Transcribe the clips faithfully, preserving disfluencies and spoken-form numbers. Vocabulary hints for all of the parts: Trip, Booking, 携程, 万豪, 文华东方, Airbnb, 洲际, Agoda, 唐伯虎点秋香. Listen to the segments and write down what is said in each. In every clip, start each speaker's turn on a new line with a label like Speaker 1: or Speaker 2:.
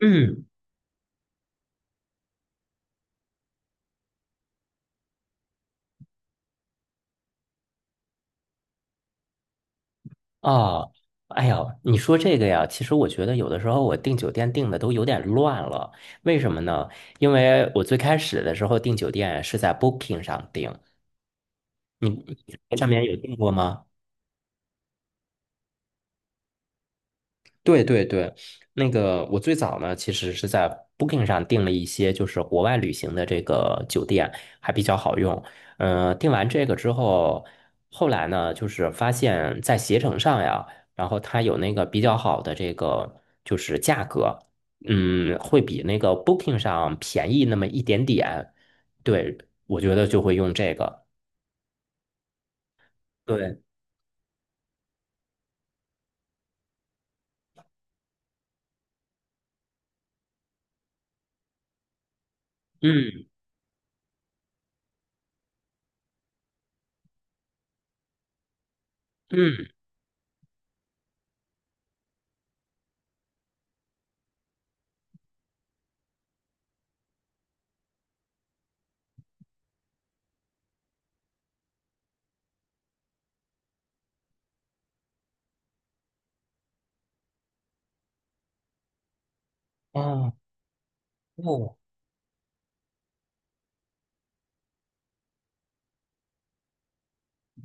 Speaker 1: 嗯，啊，哎呀，你说这个呀，其实我觉得有的时候我订酒店订的都有点乱了，为什么呢？因为我最开始的时候订酒店是在 Booking 上订，你你在上面有订过吗？对对对，那个我最早呢，其实是在 Booking 上订了一些就是国外旅行的这个酒店，还比较好用。嗯、订完这个之后，后来呢，就是发现在携程上呀，然后它有那个比较好的这个就是价格，嗯，会比那个 Booking 上便宜那么一点点。对，我觉得就会用这个。对，嗯嗯，哦哦。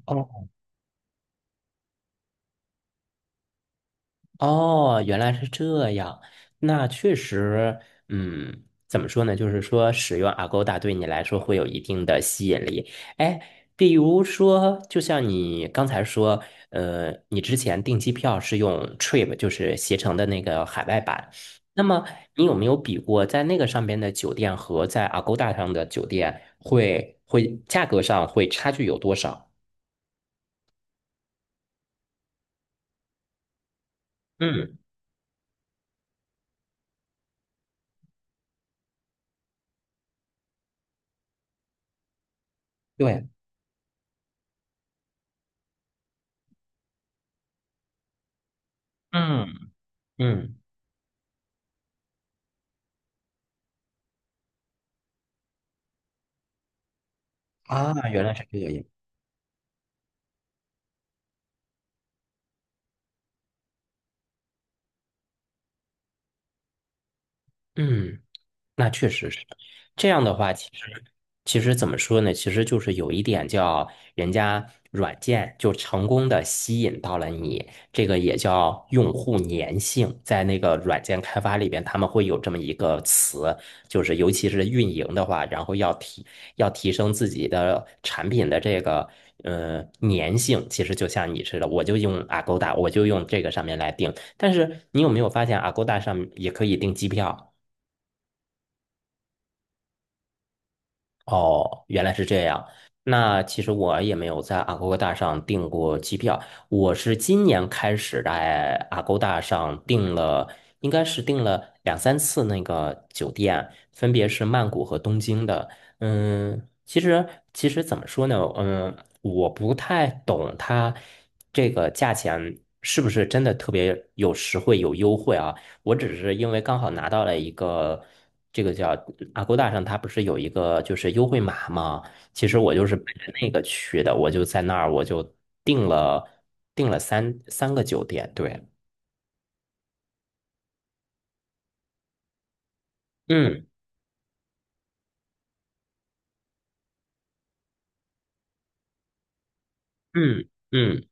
Speaker 1: 哦。哦，原来是这样。那确实，嗯，怎么说呢？就是说，使用 Agoda 对你来说会有一定的吸引力。哎，比如说，就像你刚才说，呃，你之前订机票是用 Trip，就是携程的那个海外版。那么，你有没有比过在那个上边的酒店和在 Agoda 上的酒店会会价格上会差距有多少？嗯，对，嗯嗯，啊，原来是这样。嗯。那确实是这样的话，其实其实怎么说呢？其实就是有一点叫人家软件就成功的吸引到了你，这个也叫用户粘性。在那个软件开发里边，他们会有这么一个词，就是尤其是运营的话，然后要提要提升自己的产品的这个呃粘性。其实就像你似的，我就用 Agoda，我就用这个上面来定。但是你有没有发现，Agoda 上也可以订机票？哦，原来是这样。那其实我也没有在 a g o d 上订过机票，我是今年开始在 a g o d 上订了，应该是订了两三次那个酒店，分别是曼谷和东京的。嗯，其实其实怎么说呢？嗯，我不太懂它这个价钱是不是真的特别有实惠有优惠啊？我只是因为刚好拿到了一个这个叫 a g o d 上，它不是有一个就是优惠码吗？其实我就是奔着那个去的，我就在那儿我就订了订了三三个酒店，对，嗯嗯嗯，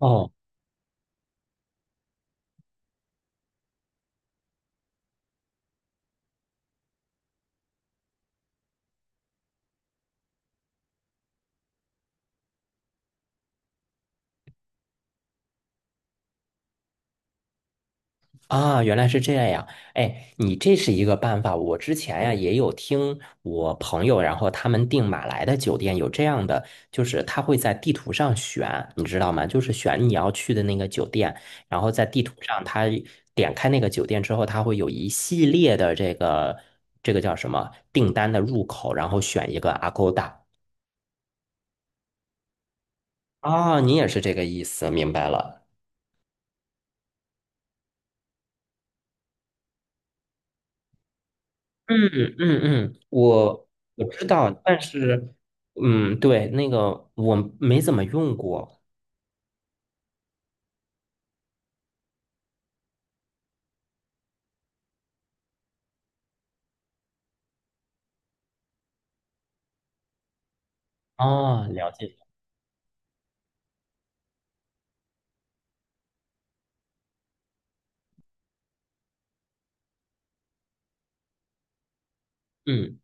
Speaker 1: 哦。啊，原来是这样。哎，你这是一个办法。我之前呀也有听我朋友，然后他们订马来的酒店有这样的，就是他会在地图上选，你知道吗？就是选你要去的那个酒店，然后在地图上他点开那个酒店之后，他会有一系列的这个这个叫什么订单的入口，然后选一个 Agoda。啊，你也是这个意思，明白了。嗯嗯嗯，我我知道，但是，嗯，对，那个我没怎么用过。哦，了解。嗯。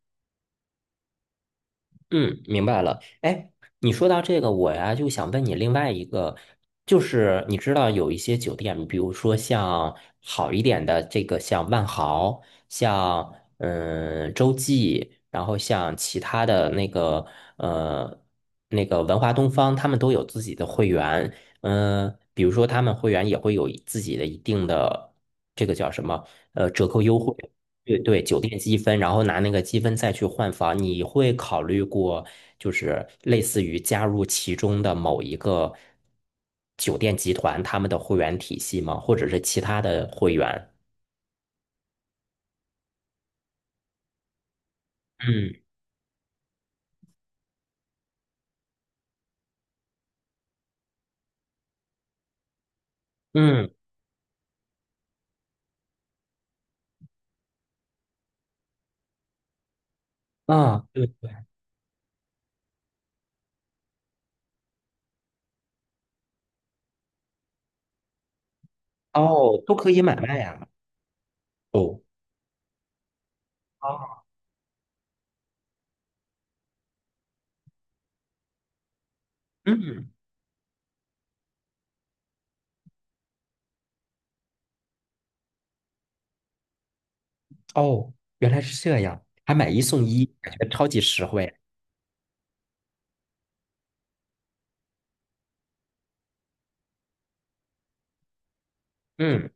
Speaker 1: 嗯，明白了。哎，你说到这个，我呀就想问你另外一个，就是你知道有一些酒店，比如说像好一点的这个，像万豪，像嗯洲际，然后像其他的那个呃那个文华东方，他们都有自己的会员。嗯、比如说他们会员也会有自己的一定的这个叫什么呃折扣优惠。对对，酒店积分，然后拿那个积分再去换房，你会考虑过，就是类似于加入其中的某一个酒店集团他们的会员体系吗？或者是其他的会员？嗯嗯啊，对对，哦，都可以买卖啊。哦，哦，嗯，哦，原来是这样，还买一送一，感觉超级实惠。嗯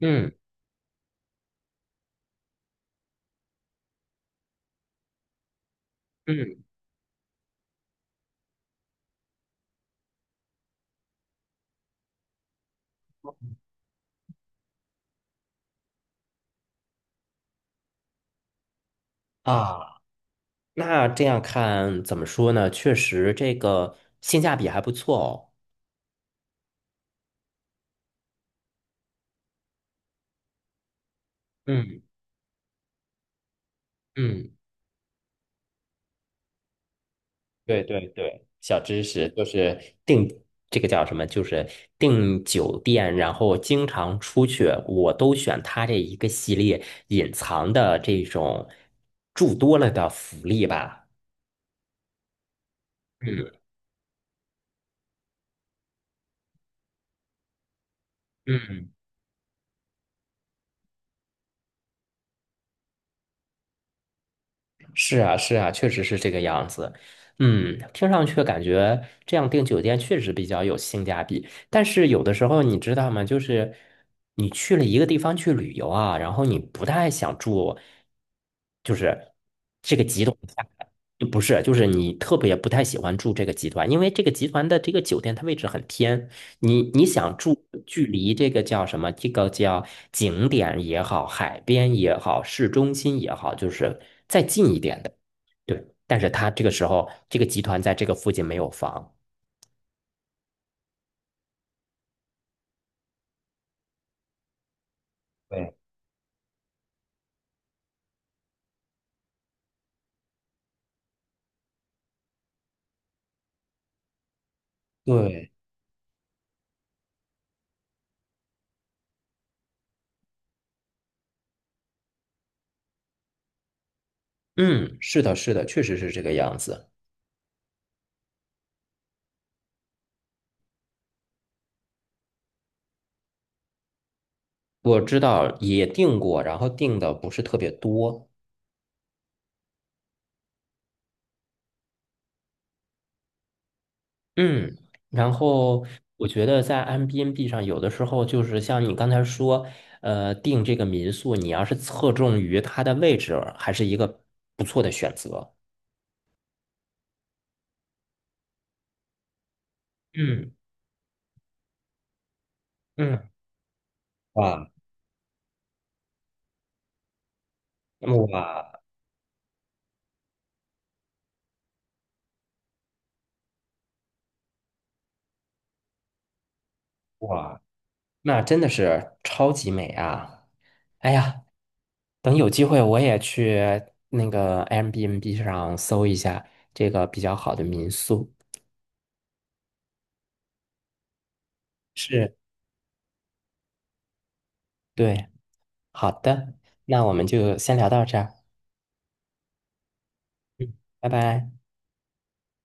Speaker 1: 嗯嗯啊，那这样看怎么说呢？确实，这个性价比还不错哦。嗯嗯，对对对，小知识就是订这个叫什么？就是订酒店，然后经常出去，我都选它这一个系列隐藏的这种住多了的福利吧。嗯嗯是啊，是啊，确实是这个样子。嗯，听上去感觉这样订酒店确实比较有性价比。但是有的时候你知道吗？就是你去了一个地方去旅游啊，然后你不太想住，就是。不是，就是你特别不太喜欢住这个集团，因为这个集团的这个酒店它位置很偏，你你想住距离这个叫什么？这个叫景点也好，海边也好，市中心也好，就是再近一点的。对，但是它这个时候这个集团在这个附近没有房。对，对，嗯，是的，是的，确实是这个样子。我知道也订过，然后订的不是特别多。嗯，然后我觉得在 Airbnb 上，有的时候就是像你刚才说，呃，订这个民宿，你要是侧重于它的位置，还是一个不错的选择。嗯嗯，哇哇哇，那真的是超级美啊！哎呀，等有机会我也去那个 Airbnb 上搜一下这个比较好的民宿。是，对，好的，那我们就先聊到这儿。嗯，拜拜。